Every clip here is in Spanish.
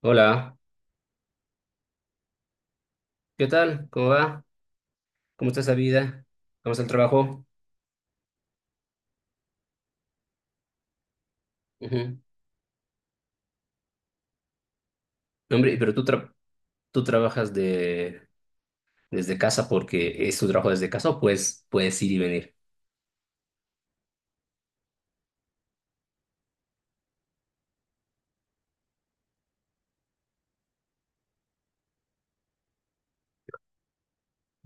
Hola, ¿qué tal? ¿Cómo va? ¿Cómo está esa vida? ¿Cómo está el trabajo? Ujú. No, hombre, pero tú trabajas desde casa porque es tu trabajo desde casa o puedes ir y venir.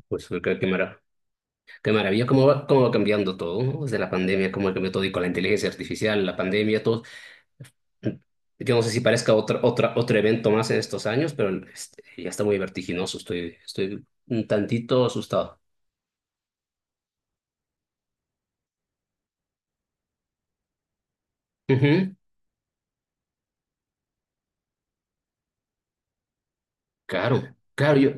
Pues qué, qué, mara- Qué maravilla, cómo va cambiando todo, ¿no? Desde la pandemia, cómo ha cambiado todo y con la inteligencia artificial, la pandemia, todo. Yo no sé si parezca otro evento más en estos años, pero este, ya está muy vertiginoso, estoy un tantito asustado. Ujú. Claro, claro, yo.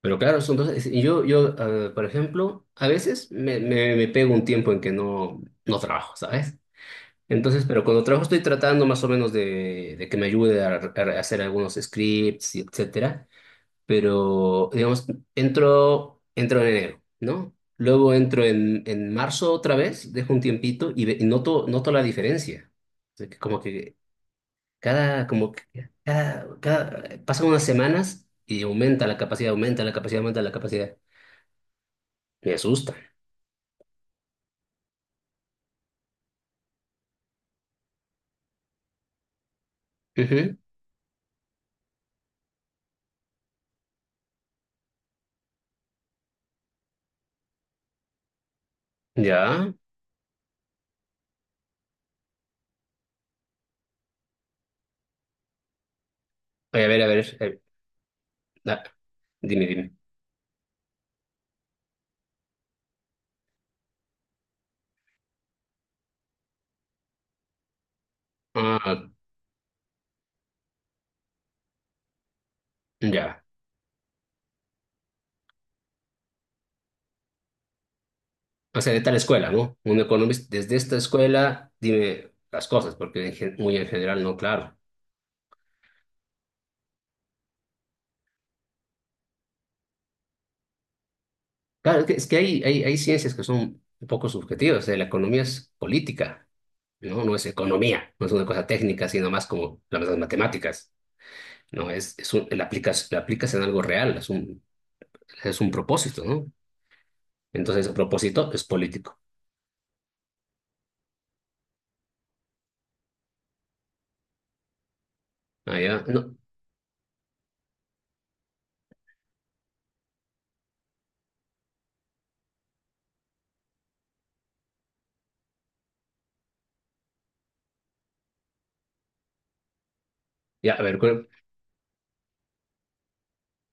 Pero claro, son dos. Y yo, por ejemplo, a veces me pego un tiempo en que no trabajo, ¿sabes? Entonces, pero cuando trabajo estoy tratando más o menos de que me ayude a hacer algunos scripts, y etcétera. Pero, digamos, entro en enero, ¿no? Luego entro en marzo otra vez, dejo un tiempito y noto la diferencia. O sea, que como que cada, como que cada pasan unas semanas y aumenta la capacidad, aumenta la capacidad, aumenta la capacidad. Me asusta. Ujú. Ya. Oye, a ver, a ver. Ah, Dime, dime. Ah, ya. O sea, de tal escuela, ¿no? Un economista, desde esta escuela, dime las cosas, porque muy en general no, claro. Claro, es que hay ciencias que son un poco subjetivas. O sea, la economía es política, ¿no? No es economía, no es una cosa técnica, sino más como las matemáticas, ¿no? La aplicas en algo real, es un propósito, ¿no? Entonces, el propósito es político. Ah, ya, no. Ya, a ver,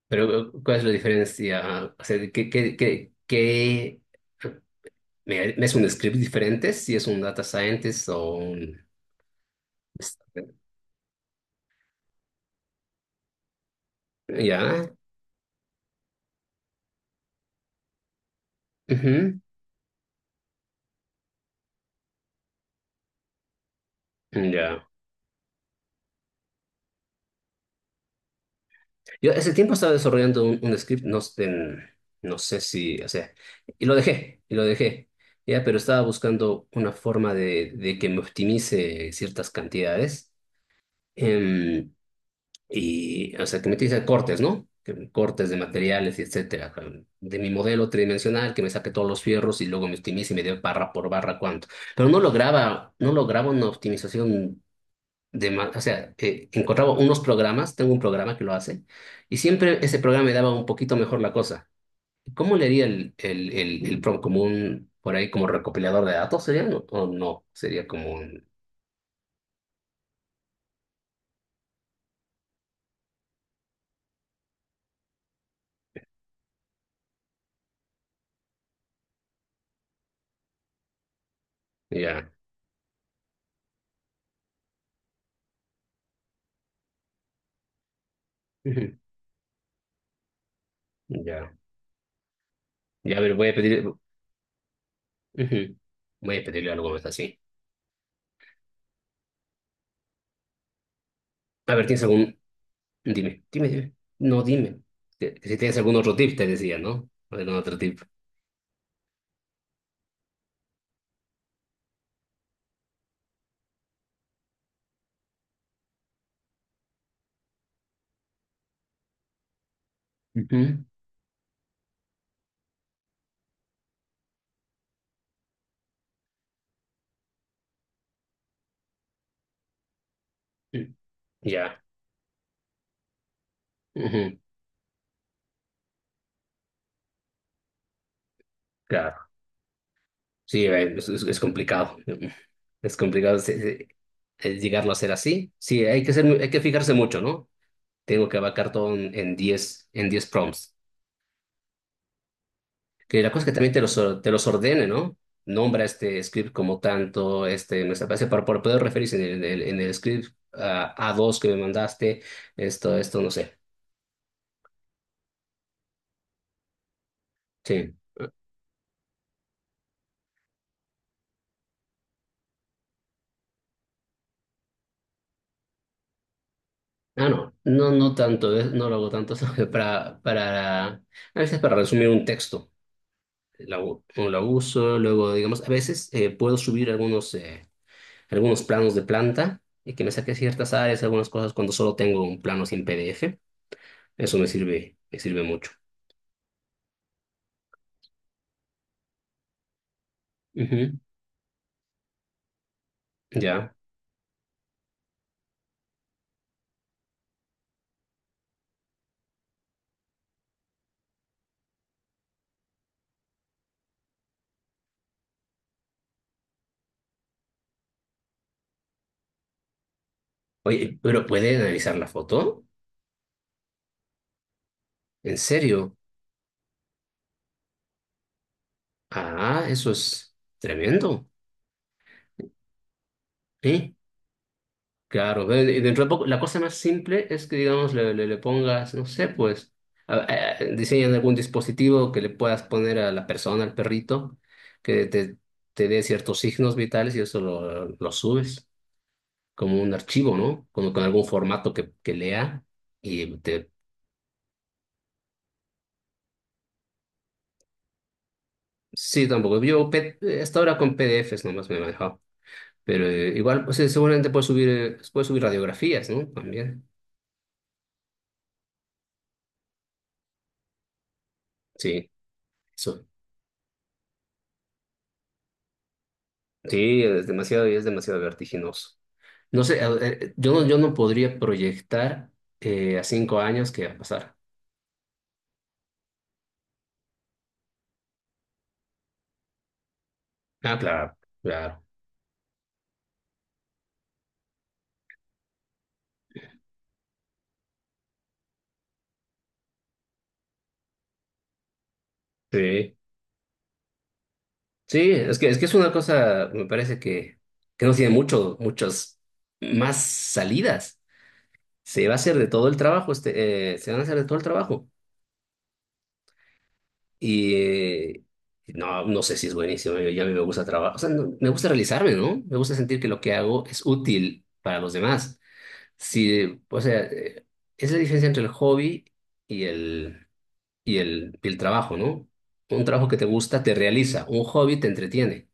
pero ¿cuál es la diferencia? O sea, ¿ me es un script diferente si es un data scientist o un...? Ya. Ujú. Ya. Yo ese tiempo estaba desarrollando un script, no, sé en- no sé si, o sea, y y lo dejé. Ya, pero estaba buscando una forma de que me optimice ciertas cantidades. em, Y, o sea, que me a cortes, ¿no? Cortes de materiales y etcétera. De mi modelo tridimensional, que me saque todos los fierros y luego me optimice y me dé barra por barra cuánto. Pero no lograba una optimización de más. O sea, encontraba unos programas, tengo un programa que lo hace, y siempre ese programa me daba un poquito mejor la cosa. ¿Cómo le haría el prompt como un, por ahí, como recopilador de datos? ¿Sería? ¿No? ¿O no? Sería como un. Ya. Ujú. Ya. Ya, a ver, voy a pedir. Ujú. Voy a pedirle algo más así. A ver, ¿tienes algún...? Dime, dime, dime. No, dime. Si tienes algún otro tip, te decía, ¿no? Algún otro tip. Ujú. Sí. Ya. Ujú. Claro. Sí, es complicado. Es complicado llegarlo a ser así. Sí, hay que ser, hay que fijarse mucho, ¿no? Tengo que abarcar todo en 10, en 10 prompts. Que la cosa es que también te los, te los ordene, ¿no? Nombra este script como tanto, este, me parece, para poder referirse en el script a dos que me mandaste, esto, no sé. Sí. Ah, no, no, no tanto, no lo hago tanto, solo para, a veces para resumir un texto, o la uso, luego, digamos, a veces puedo subir algunos planos de planta y que me saque ciertas áreas, algunas cosas cuando solo tengo un plano sin PDF, eso me sirve mucho. Ujú. Ya. Oye, pero ¿puede analizar la foto? ¿En serio? Ah, eso es tremendo. Sí, claro. Y dentro de poco, la cosa más simple es que, digamos, le pongas, no sé, pues, a- diseñan algún dispositivo que le puedas poner a la persona, al perrito, que te, te dé ciertos signos vitales y eso lo subes como un archivo, ¿no? Con algún formato que lea y te... Sí, tampoco. Hasta ahora con PDFs nomás me he manejado. Pero igual, pues, puedes subir radiografías, ¿no? También. Sí, eso. Sí, es demasiado vertiginoso. No sé, yo no podría proyectar a 5 años qué va a pasar. Ah, claro, claro. Sí. Sí, es que es una cosa, me parece que no tiene mucho, muchas más salidas. Se va a hacer de todo el trabajo, se van a hacer de todo el trabajo. Y no, no sé si es buenísimo, ya a mí me gusta trabajar, o sea, me gusta realizarme, ¿no? Me gusta sentir que lo que hago es útil para los demás. Sí, o sea, es la diferencia entre el hobby y el, y el trabajo, ¿no? Un trabajo que te gusta te realiza, un hobby te entretiene,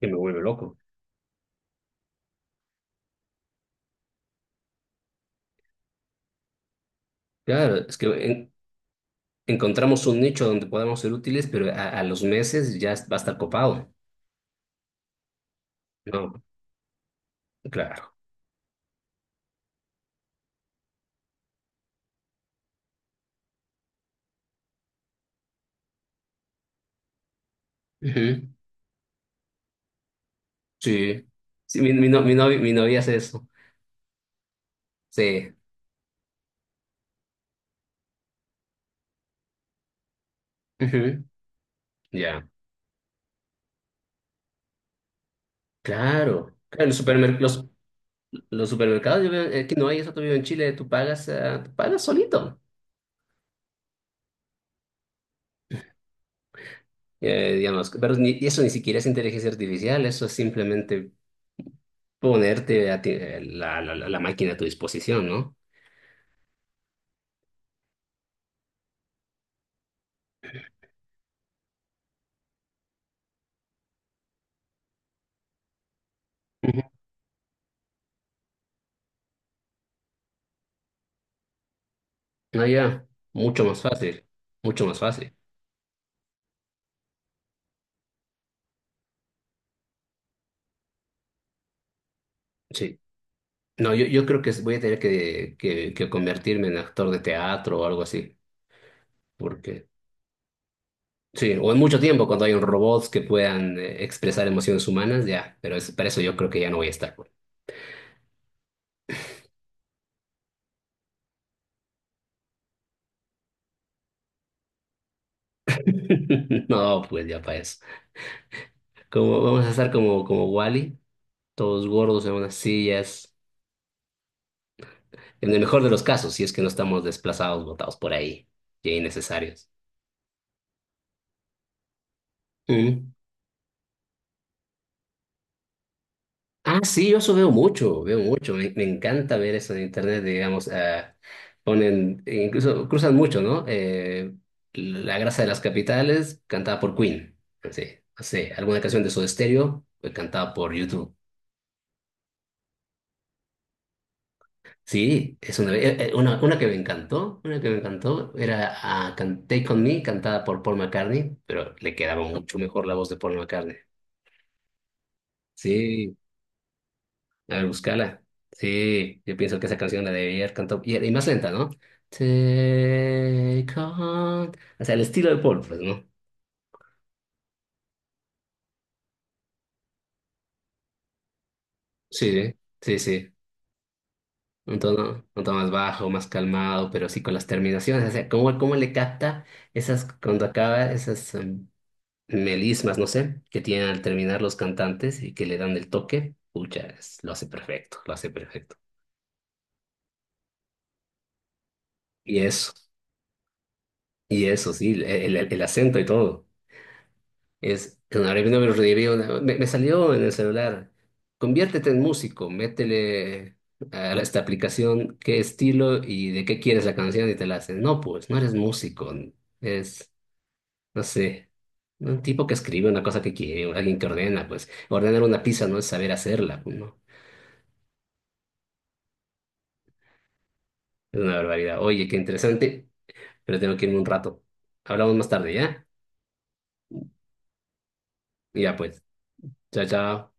que me vuelve loco. Claro, es que encontramos un nicho donde podamos ser útiles, pero a los meses ya va a estar copado. No, claro. Ujú. Sí. Sí, mi, no- mi novia hace eso. Sí, ujú. Ya. Claro. Claro, los supermercados, yo veo, que no hay eso todavía en Chile, tú pagas solito, digamos, pero eso ni siquiera es inteligencia artificial, eso es simplemente ponerte a ti- la, la, la la máquina a tu disposición, ¿no? Ujú. No, ya, mucho más fácil, mucho más fácil, sí. No, yo creo que voy a tener que convertirme en actor de teatro o algo así, porque sí, o en mucho tiempo, cuando hay un robots que puedan expresar emociones humanas, ya, pero es, para eso yo creo que ya no voy a estar, pues. No, pues ya para eso. Como, vamos a estar como Wally, todos gordos en unas sillas, en el mejor de los casos, si es que no estamos desplazados, botados por ahí, ya innecesarios. Ah, sí, yo eso veo mucho, veo mucho. Me encanta ver eso en internet, digamos. Ponen, e incluso cruzan mucho, ¿no? La grasa de las capitales, cantada por Queen. Sí, no sé, alguna canción de Soda Stereo, fue cantada por YouTube. Sí, es una que me encantó, era Take On Me, cantada por Paul McCartney, pero le quedaba mucho mejor la voz de Paul McCartney. Sí. A ver, búscala. Sí, yo pienso que esa canción la debía haber cantado. Y más lenta, ¿no? Take on. O sea, el estilo de Paul, pues, ¿no? Sí, sí, sí. Un tono más bajo, más calmado, pero sí con las terminaciones. O sea, cómo le capta esas, cuando acaba, esas melismas, no sé, que tienen al terminar los cantantes y que le dan el toque? Pucha, lo hace perfecto, lo hace perfecto. Y eso, y eso, sí, el acento y todo. Es, claro, y no me lo reviví me salió en el celular. Conviértete en músico, métele a esta aplicación qué estilo y de qué quieres la canción y te la hacen. No, pues, no eres músico, es, no sé, un tipo que escribe una cosa que quiere, o alguien que ordena, pues, ordenar una pizza no es saber hacerla, pues, no, es una barbaridad. Oye, qué interesante, pero tengo que irme un rato. Hablamos más tarde, ¿ya? Ya, pues, chao, chao.